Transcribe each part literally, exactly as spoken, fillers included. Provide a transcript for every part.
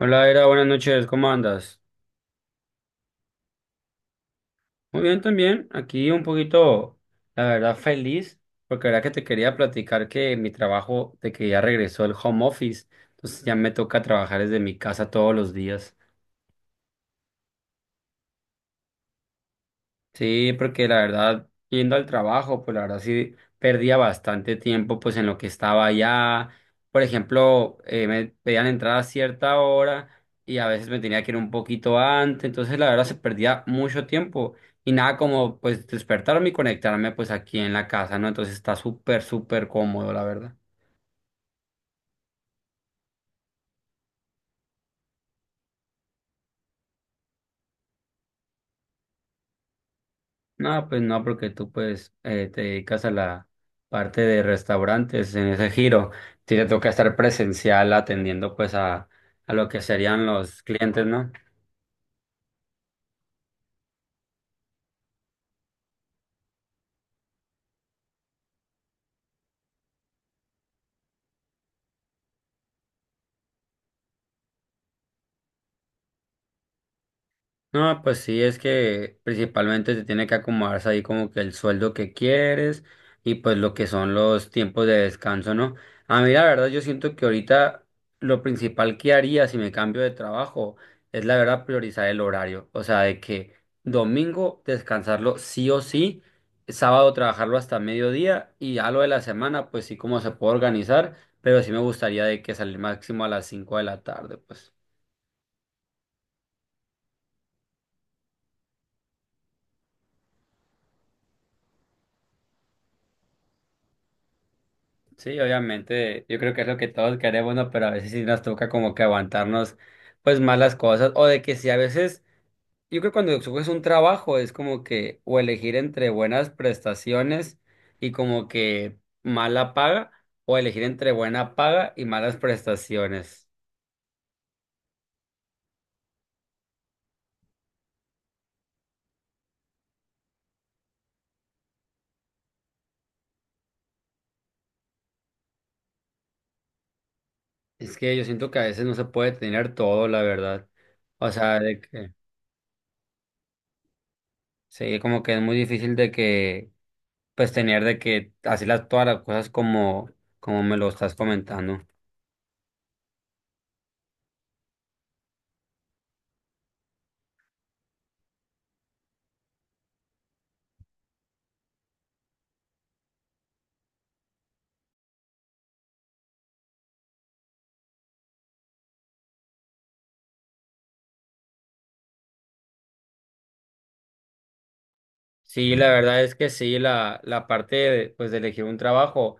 Hola, Era, buenas noches, ¿cómo andas? Muy bien también, aquí un poquito, la verdad, feliz, porque la verdad que te quería platicar que mi trabajo, de que ya regresó el home office, entonces ya me toca trabajar desde mi casa todos los días. Sí, porque la verdad, yendo al trabajo, pues la verdad sí perdía bastante tiempo pues en lo que estaba allá. Por ejemplo, eh, me pedían entrar a cierta hora y a veces me tenía que ir un poquito antes, entonces la verdad se perdía mucho tiempo y nada como pues despertarme y conectarme pues aquí en la casa, ¿no? Entonces está súper, súper cómodo, la verdad. No, pues no, porque tú pues eh, te dedicas a la parte de restaurantes en ese giro. Sí, te toca estar presencial atendiendo pues a, a lo que serían los clientes, ¿no? No, pues sí, es que principalmente te tiene que acomodarse ahí como que el sueldo que quieres y pues lo que son los tiempos de descanso, ¿no? A mí la verdad yo siento que ahorita lo principal que haría si me cambio de trabajo es la verdad priorizar el horario, o sea, de que domingo descansarlo sí o sí, sábado trabajarlo hasta mediodía y ya lo de la semana pues sí como se puede organizar, pero sí me gustaría de que salir máximo a las cinco de la tarde, pues. Sí, obviamente, yo creo que es lo que todos queremos, ¿no? Pero a veces sí nos toca como que aguantarnos, pues, malas cosas, o de que si a veces, yo creo que cuando escoges un trabajo es como que, o elegir entre buenas prestaciones y como que mala paga, o elegir entre buena paga y malas prestaciones. Es que yo siento que a veces no se puede tener todo, la verdad. O sea, de que, sí, como que es muy difícil de que, pues, tener de que, así las, todas las cosas como, como me lo estás comentando. Sí, la verdad es que sí, la, la parte de, pues, de elegir un trabajo,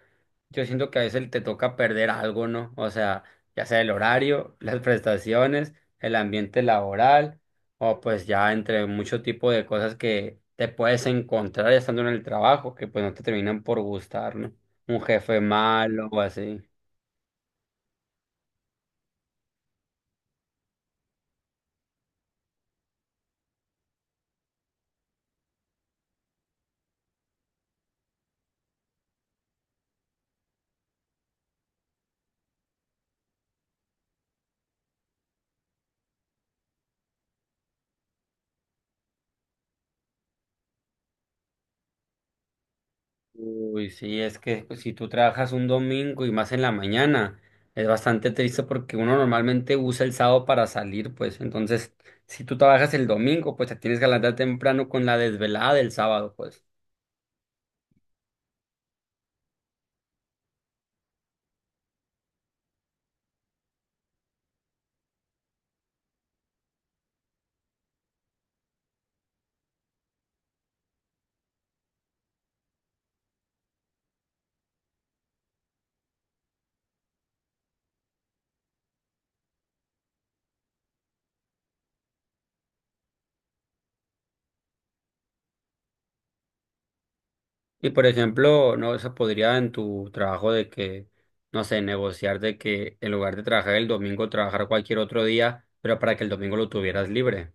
yo siento que a veces te toca perder algo, ¿no? O sea, ya sea el horario, las prestaciones, el ambiente laboral, o pues ya entre mucho tipo de cosas que te puedes encontrar estando en el trabajo, que pues no te terminan por gustar, ¿no? Un jefe malo o así. Uy, sí, es que pues, si tú trabajas un domingo y más en la mañana, es bastante triste porque uno normalmente usa el sábado para salir, pues entonces si tú trabajas el domingo, pues te tienes que levantar temprano con la desvelada del sábado, pues. Y por ejemplo, no se podría en tu trabajo de que, no sé, negociar de que en lugar de trabajar el domingo, trabajar cualquier otro día, pero para que el domingo lo tuvieras libre.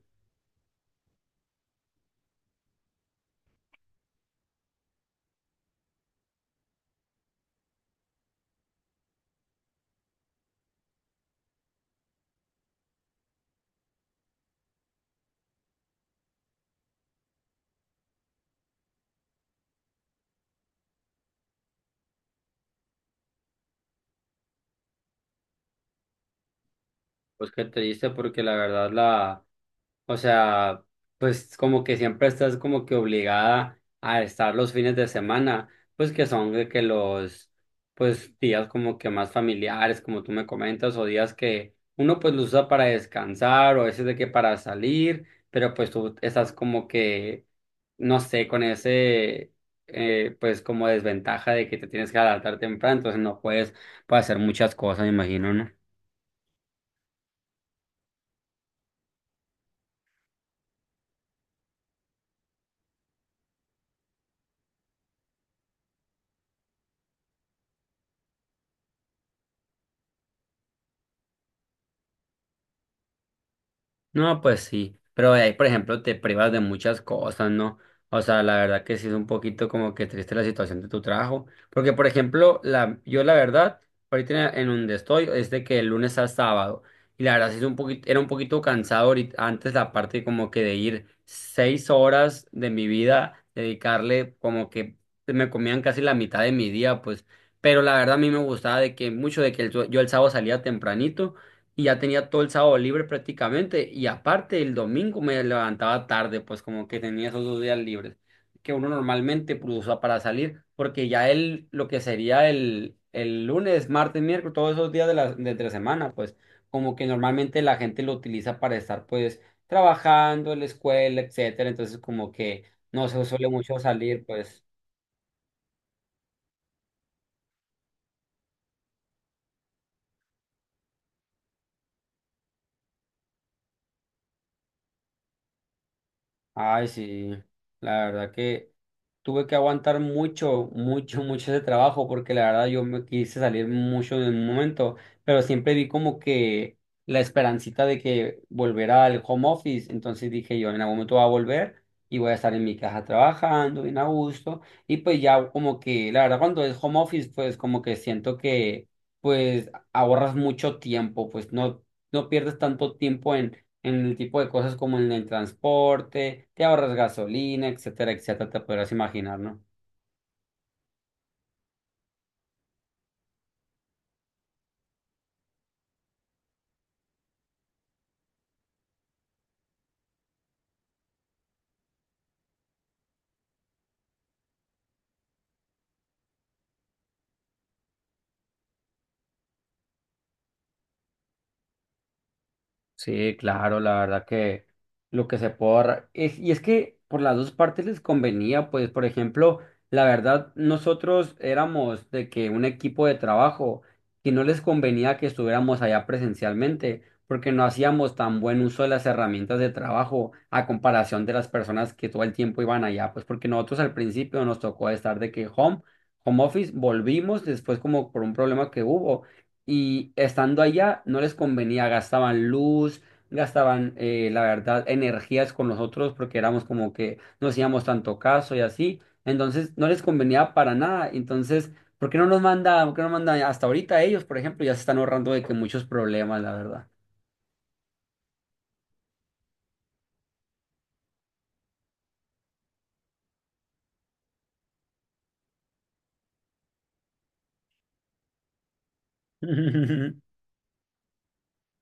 Pues qué dice porque la verdad la... O sea, pues como que siempre estás como que obligada a estar los fines de semana, pues que son de que los pues días como que más familiares, como tú me comentas, o días que uno pues los usa para descansar, o a veces de que para salir, pero pues tú estás como que, no sé, con ese eh, pues como desventaja de que te tienes que adaptar temprano, entonces no puedes, puedes hacer muchas cosas, me imagino, ¿no? No, pues sí, pero de ahí, por ejemplo, te privas de muchas cosas, ¿no? O sea, la verdad que sí es un poquito como que triste la situación de tu trabajo, porque, por ejemplo, la, yo la verdad, ahorita en en donde estoy, es de que el lunes a sábado, y la verdad sí es un poquito, era un poquito cansado ahorit- antes la parte como que de ir seis horas de mi vida, dedicarle como que me comían casi la mitad de mi día, pues, pero la verdad a mí me gustaba de que mucho de que el- sue- yo el sábado salía tempranito y ya tenía todo el sábado libre prácticamente y aparte el domingo me levantaba tarde, pues como que tenía esos dos días libres que uno normalmente pues, usa para salir, porque ya el, lo que sería el, el lunes, martes, miércoles, todos esos días de la, de entre semana, pues como que normalmente la gente lo utiliza para estar pues trabajando en la escuela, etcétera, entonces como que no se suele mucho salir, pues. Ay, sí, la verdad que tuve que aguantar mucho, mucho, mucho ese trabajo porque la verdad yo me quise salir mucho de un momento, pero siempre vi como que la esperancita de que volverá al home office, entonces dije yo en algún momento va a volver y voy a estar en mi casa trabajando bien a gusto y pues ya como que la verdad cuando es home office pues como que siento que pues ahorras mucho tiempo, pues no, no pierdes tanto tiempo en el tipo de cosas como en el transporte, te ahorras gasolina, etcétera, etcétera, te podrás imaginar, ¿no? Sí, claro, la verdad que lo que se puede ahorrar. Es, y es que por las dos partes les convenía, pues, por ejemplo, la verdad, nosotros éramos de que un equipo de trabajo que no les convenía que estuviéramos allá presencialmente, porque no hacíamos tan buen uso de las herramientas de trabajo a comparación de las personas que todo el tiempo iban allá, pues, porque nosotros al principio nos tocó estar de que home, home office, volvimos después como por un problema que hubo y estando allá no les convenía, gastaban luz, gastaban, eh, la verdad, energías con nosotros porque éramos como que no hacíamos tanto caso y así. Entonces no les convenía para nada. Entonces, ¿por qué no nos manda, ¿por qué no mandan hasta ahorita ellos? Por ejemplo, ya se están ahorrando de que muchos problemas, la verdad.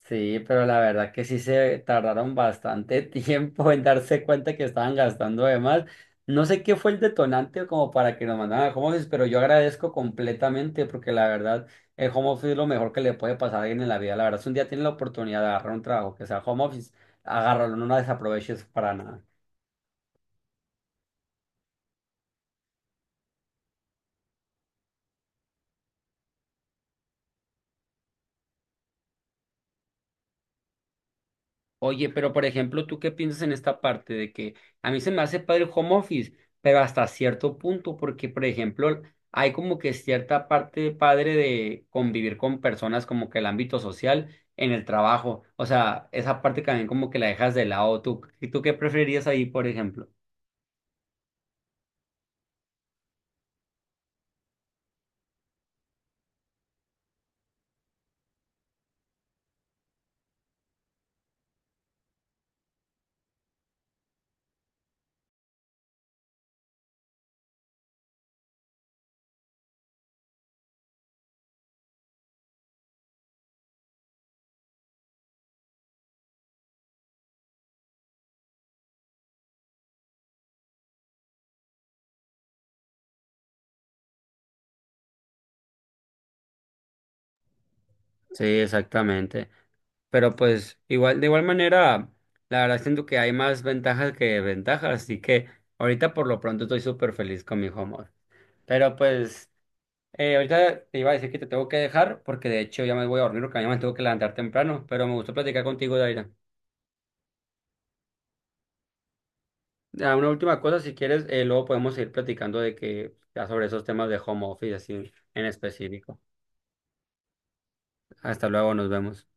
Sí, pero la verdad que sí se tardaron bastante tiempo en darse cuenta que estaban gastando de más. No sé qué fue el detonante como para que nos mandaran al home office, pero yo agradezco completamente porque la verdad el home office es lo mejor que le puede pasar a alguien en la vida. La verdad, si un día tienen la oportunidad de agarrar un trabajo que sea home office, agárralo, no la desaproveches para nada. Oye, pero por ejemplo, ¿tú qué piensas en esta parte de que a mí se me hace padre el home office, pero hasta cierto punto? Porque por ejemplo, hay como que cierta parte padre de convivir con personas como que el ámbito social en el trabajo, o sea, esa parte también como que la dejas de lado. ¿Tú, tú qué preferirías ahí, por ejemplo? Sí, exactamente. Pero pues igual, de igual manera, la verdad siento que hay más ventajas que ventajas, así que ahorita por lo pronto estoy súper feliz con mi home office. Pero pues... Eh, ahorita te iba a decir que te tengo que dejar porque de hecho ya me voy a dormir porque mañana me tengo que levantar temprano, pero me gustó platicar contigo, Daira. Ah, una última cosa, si quieres, eh, luego podemos seguir platicando de que ya sobre esos temas de home office así en específico. Hasta luego, nos vemos.